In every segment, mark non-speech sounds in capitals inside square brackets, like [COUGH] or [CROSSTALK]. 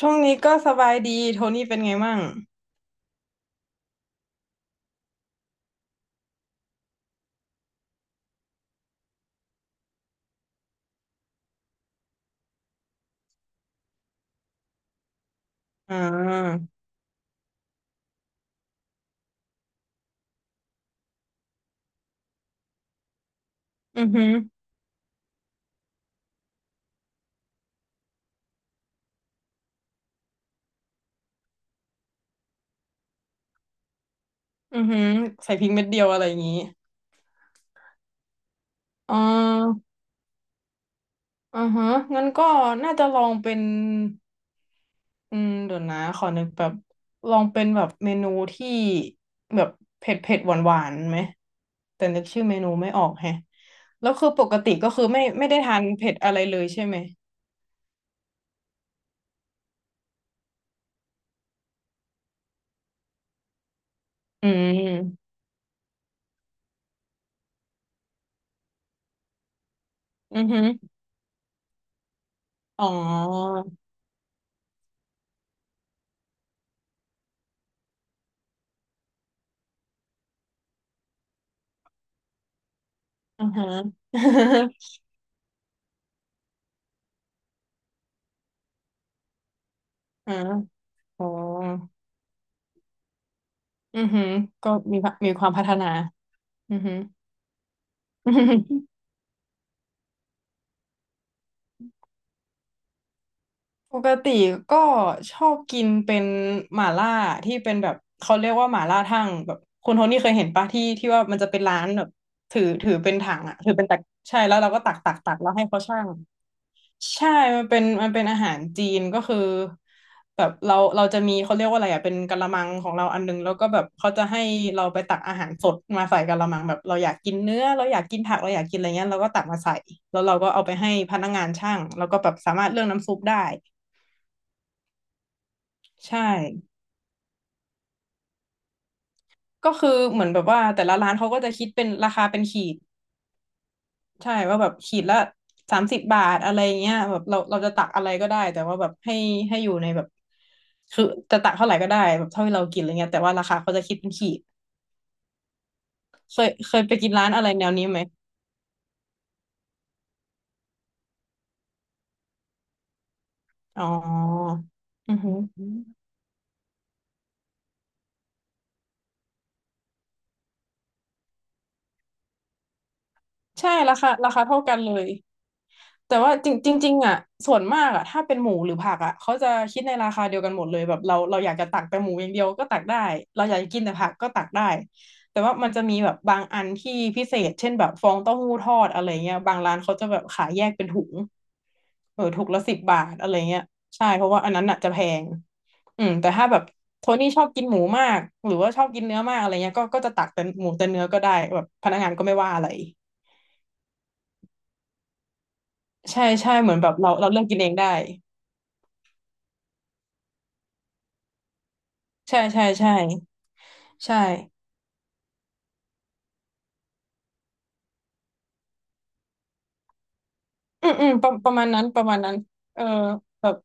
ช่วงนี้ก็สบายดีโทนี่เป็นไงมั่งอ่าอือหืออือหือใส่พริกเม็ดเดียวอะไรอย่างงี้อ่าอือฮะงั้นก็น่าจะลองเป็น เดี๋ยวนะขอนึกแบบลองเป็นแบบเมนูที่แบบเผ็ดเผ็ดหวานหวานๆไหมแต่นึกชื่อเมนูไม่ออกแฮะแล้วคือปกติก็คือไม่ได้ทานเผ็ดอะไรเลยใช่ไหม อืมอือหืออ๋ออือฮะ [LAUGHS] อาอ๋อ อือหือก็มีพะมีความพัฒนาอือหือ [LAUGHS] ปกติก็ชอบกินเป็นหม่าล่าที่เป็นแบบเขาเรียกว่าหม่าล่าทั่งแบบคุณโทนี่เคยเห็นปะที่ว่ามันจะเป็นร้านแบบถือเป็นถังอ่ะถือเป็นตักใช่แล้วเราก็ตักตักตักแล้วให้เขาชั่ง ใช่มันเป็นอาหารจีนก็คือแบบเราจะมีเขาเรียกว่าอะไรอ่ะเป็นกะละมังของเราอันนึงแล้วก็แบบเขาจะให้เราไปตักอาหารสดมาใส่กะละมังแบบเราอยากกินเนื้อเราอยากกินผักเราอยากกินอะไรเงี้ยเราก็ตักมาใส่แล้วเราก็เอาไปให้พนักงานช่างแล้วก็แบบสามารถเลือกน้ำซุปได้ใช่ก็คือเหมือนแบบว่าแต่ละร้านเขาก็จะคิดเป็นราคาเป็นขีด ใช่ ว่าแบบขีดละ30 บาทอะไรเงี้ยแบบเราจะตักอะไรก็ได้ แต่ว่าแบบให้อยู่ในแบบคือจะตักเท่าไหร่ก็ได้แบบเท่าที่เรากินอะไรเงี้ยแต่ว่าราคาเขาจะคิดเป็นขีด เคยไปกินร้านอะไรแนวนี้ไหม อ๋ออือหือใช่ราคาเท่ากันเลย แต่ว่าจริงจริงๆอ่ะส่วนมากอ่ะถ้าเป็นหมูหรือผักอ่ะเขาจะคิดในราคาเดียวกันหมดเลยแบบเราอยากจะตักแต่หมูอย่างเดียวก็ตักได้เราอยากจะกินแต่ผักก็ตักได้แต่ว่ามันจะมีแบบบางอันที่พิเศษเช่นแบบฟองเต้าหู้ทอดอะไรเงี้ยบางร้านเขาจะแบบขายแยกเป็นถุงเออถุงละสิบบาทอะไรเงี้ยใช่เพราะว่าอันนั้นอ่ะจะแพงอืมแต่ถ้าแบบโทนี่ชอบกินหมูมากหรือว่าชอบกินเนื้อมากอะไรเงี้ยก็จะตักแต่หมูแต่เนื้อก็ได้แบบพนักงานก็ไม่ว่าอะไรใช่ใช่เหมือนแบบเราเลือกกินเองได้ ใช่ใช่ใช่ใช่อืมอืมประประมาณนั้นประมาณนั้นเออแบบ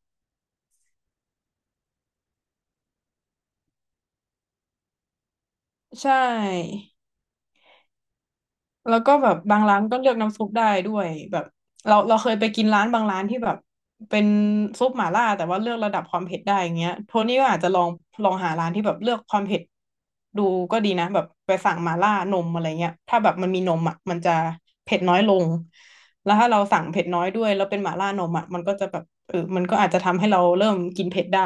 ใช่แล้วก็แบบบางร้านก็เลือกน้ำซุปได้ด้วยแบบเราเคยไปกินร้านบางร้านที่แบบเป็นซุปหม่าล่าแต่ว่าเลือกระดับความเผ็ดได้อย่างเงี้ยโทนี่ก็อาจจะลองลองหาร้านที่แบบเลือกความเผ็ดดูก็ดีนะแบบไปสั่งหม่าล่านมอะไรเงี้ยถ้าแบบมันมีนมอ่ะมันจะเผ็ดน้อยลงแล้วถ้าเราสั่งเผ็ดน้อยด้วยแล้วเป็นหม่าล่านมอ่ะมันก็จะแบบเออมันก็อาจจะทำให้เราเริ่มกินเผ็ดได้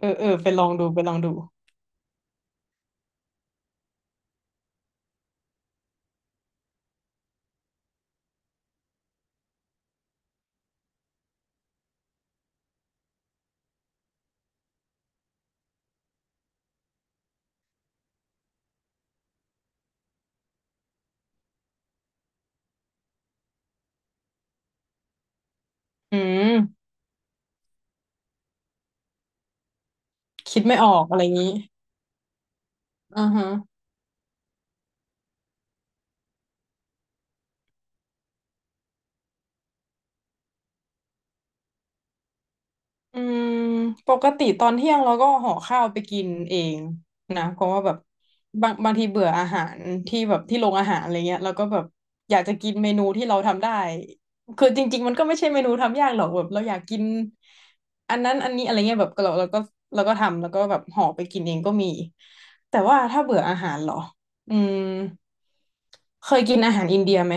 เออเออไปลองดูไปลองดูอืมคิดไม่ออกอะไรอย่างนี้อ่าฮะอืมปกติตอนเที่ยงเราก็ห่อข้าวไปกินเองนะเพราะว่าแบบบางบางทีเบื่ออาหารที่แบบที่โรงอาหารอะไรเงี้ยเราก็แบบอยากจะกินเมนูที่เราทำได้คือจริงๆมันก็ไม่ใช่เมนูทำยากหรอกแบบเราอยากกินอันนั้นอันนี้อะไรเงี้ยแบบเราก็เราก็ทำแล้วก็แบบห่อไปกินเองก็มีแต่ว่าถ้าเบื่ออาหารเหรออืมเคยกินอาหารอินเดียไหม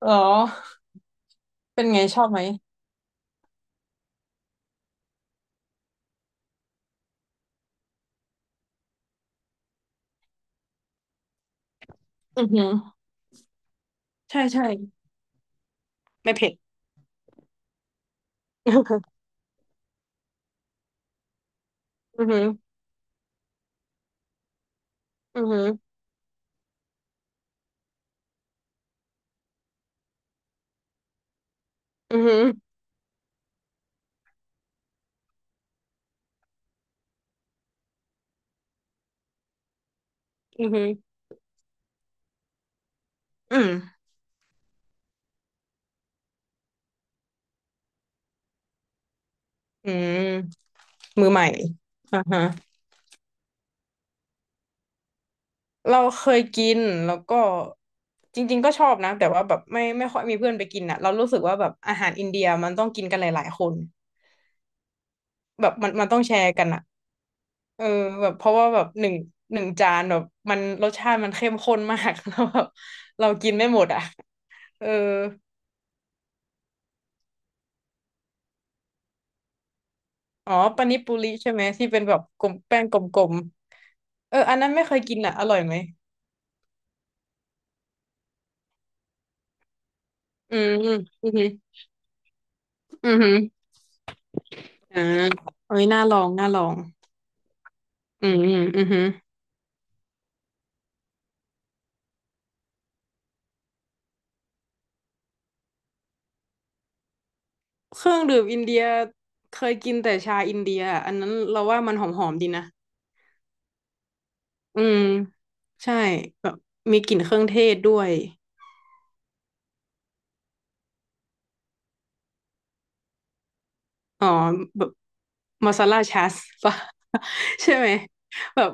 เหรอเป็นไงชอบไหมอือหือใช่ใช่ไม่เผ็ด [LAUGHS] อือหืออือหืออือหืออือหืออืมอืมมือใหม่อ่าฮะเราเคยกิน แล้วก็จริงๆก็ชอบนะ แต่ว่าแบบไม่ค่อยมีเพื่อนไปกินอ่ะเรารู้สึกว่าแบบอาหารอินเดียมันต้องกินกันหลายๆคนแบบมันต้องแชร์กันอ่ะเออแบบเพราะว่าแบบหนึ่งจานแบบรสชาติมันเข้มข้นมาก [LAUGHS] แล้วแบบเรากินไม่หมดอ่ะเออ อ๋อปานิปุริใช่ไหมที่เป็นแบบกลมแป้งกลมๆเอออันนั้นไม่เคยกินอ่ะอร่อยไหมอืมอืมอืมออืมอหืมออ่าเอ้ยน่าลองน่าลองอืมอืมอือเครื่องดื่มอินเดียเคยกินแต่ชาอินเดียออันนั้นเราว่ามันหอมๆดีนะอืมใช่แบบมีกลิ่นเครื่องเทศด้วยอ๋อแบบมาซาลาชาสป่ะ [LAUGHS] ใช่ไหมแบบ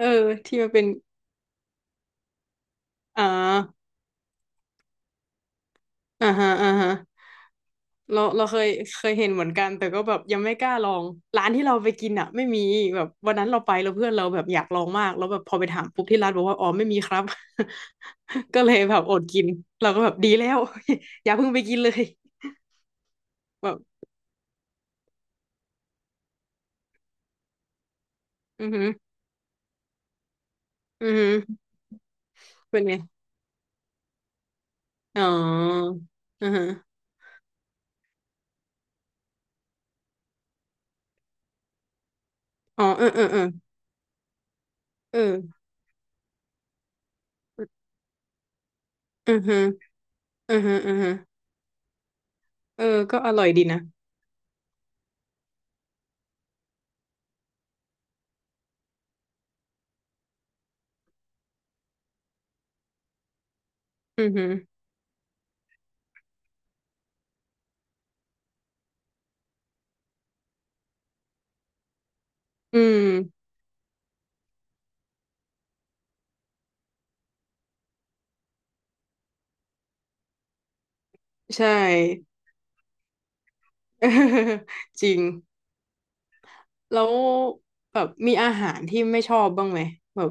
เออที่มันเป็นอ่าอ่าฮะอ่าฮะ เราเคยเคยเห็นเหมือนกันแต่ก็แบบยังไม่กล้าลองร้านที่เราไปกินอ่ะไม่มีแบบวันนั้นเราไปแล้วเพื่อนเราแบบอยากลองมากแล้วแบบพอไปถามปุ๊บที่ร้านบอกว่าอ๋อไม่มีครับ [LAUGHS] ก็เลยแบบอดกินเราก็แบบดีแล้ว [LAUGHS] อย่าเพิ่งไปกินเลยแบบอือหืออือหือเป็นไงอ๋ออือหืออ๋อเออเออเออเอออือหืออือหืออือหือเออก็อร่อยดีนะอือหืออืมใช่ [LAUGHS] จริง แล้วแบบมีอาหารที่ไม่ชอบบ้างไหมแบบ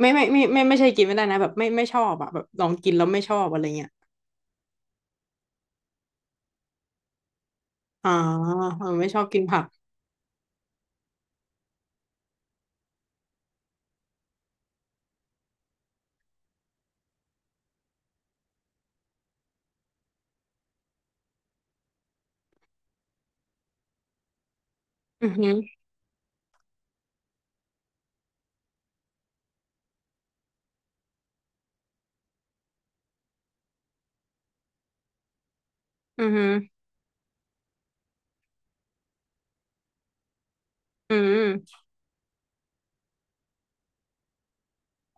ไม่ไม่ไม่ไม่ไม่ใช่กินไม่ได้นะแบบไม่ชอบอะแบบลองกินแล้วไม่ชอบอะไรเงี้ยอ๋อเออไม่ชอบกินผักอือหืออือหืออืม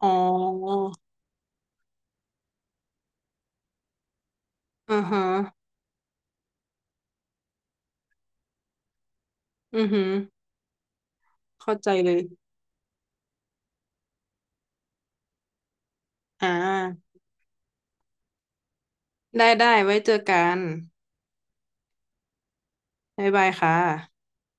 อ๋ออือฮะอือหือเข้าใจเลยอ่าได้ได้ไว้เจอกันบ๊ายบายค่ะ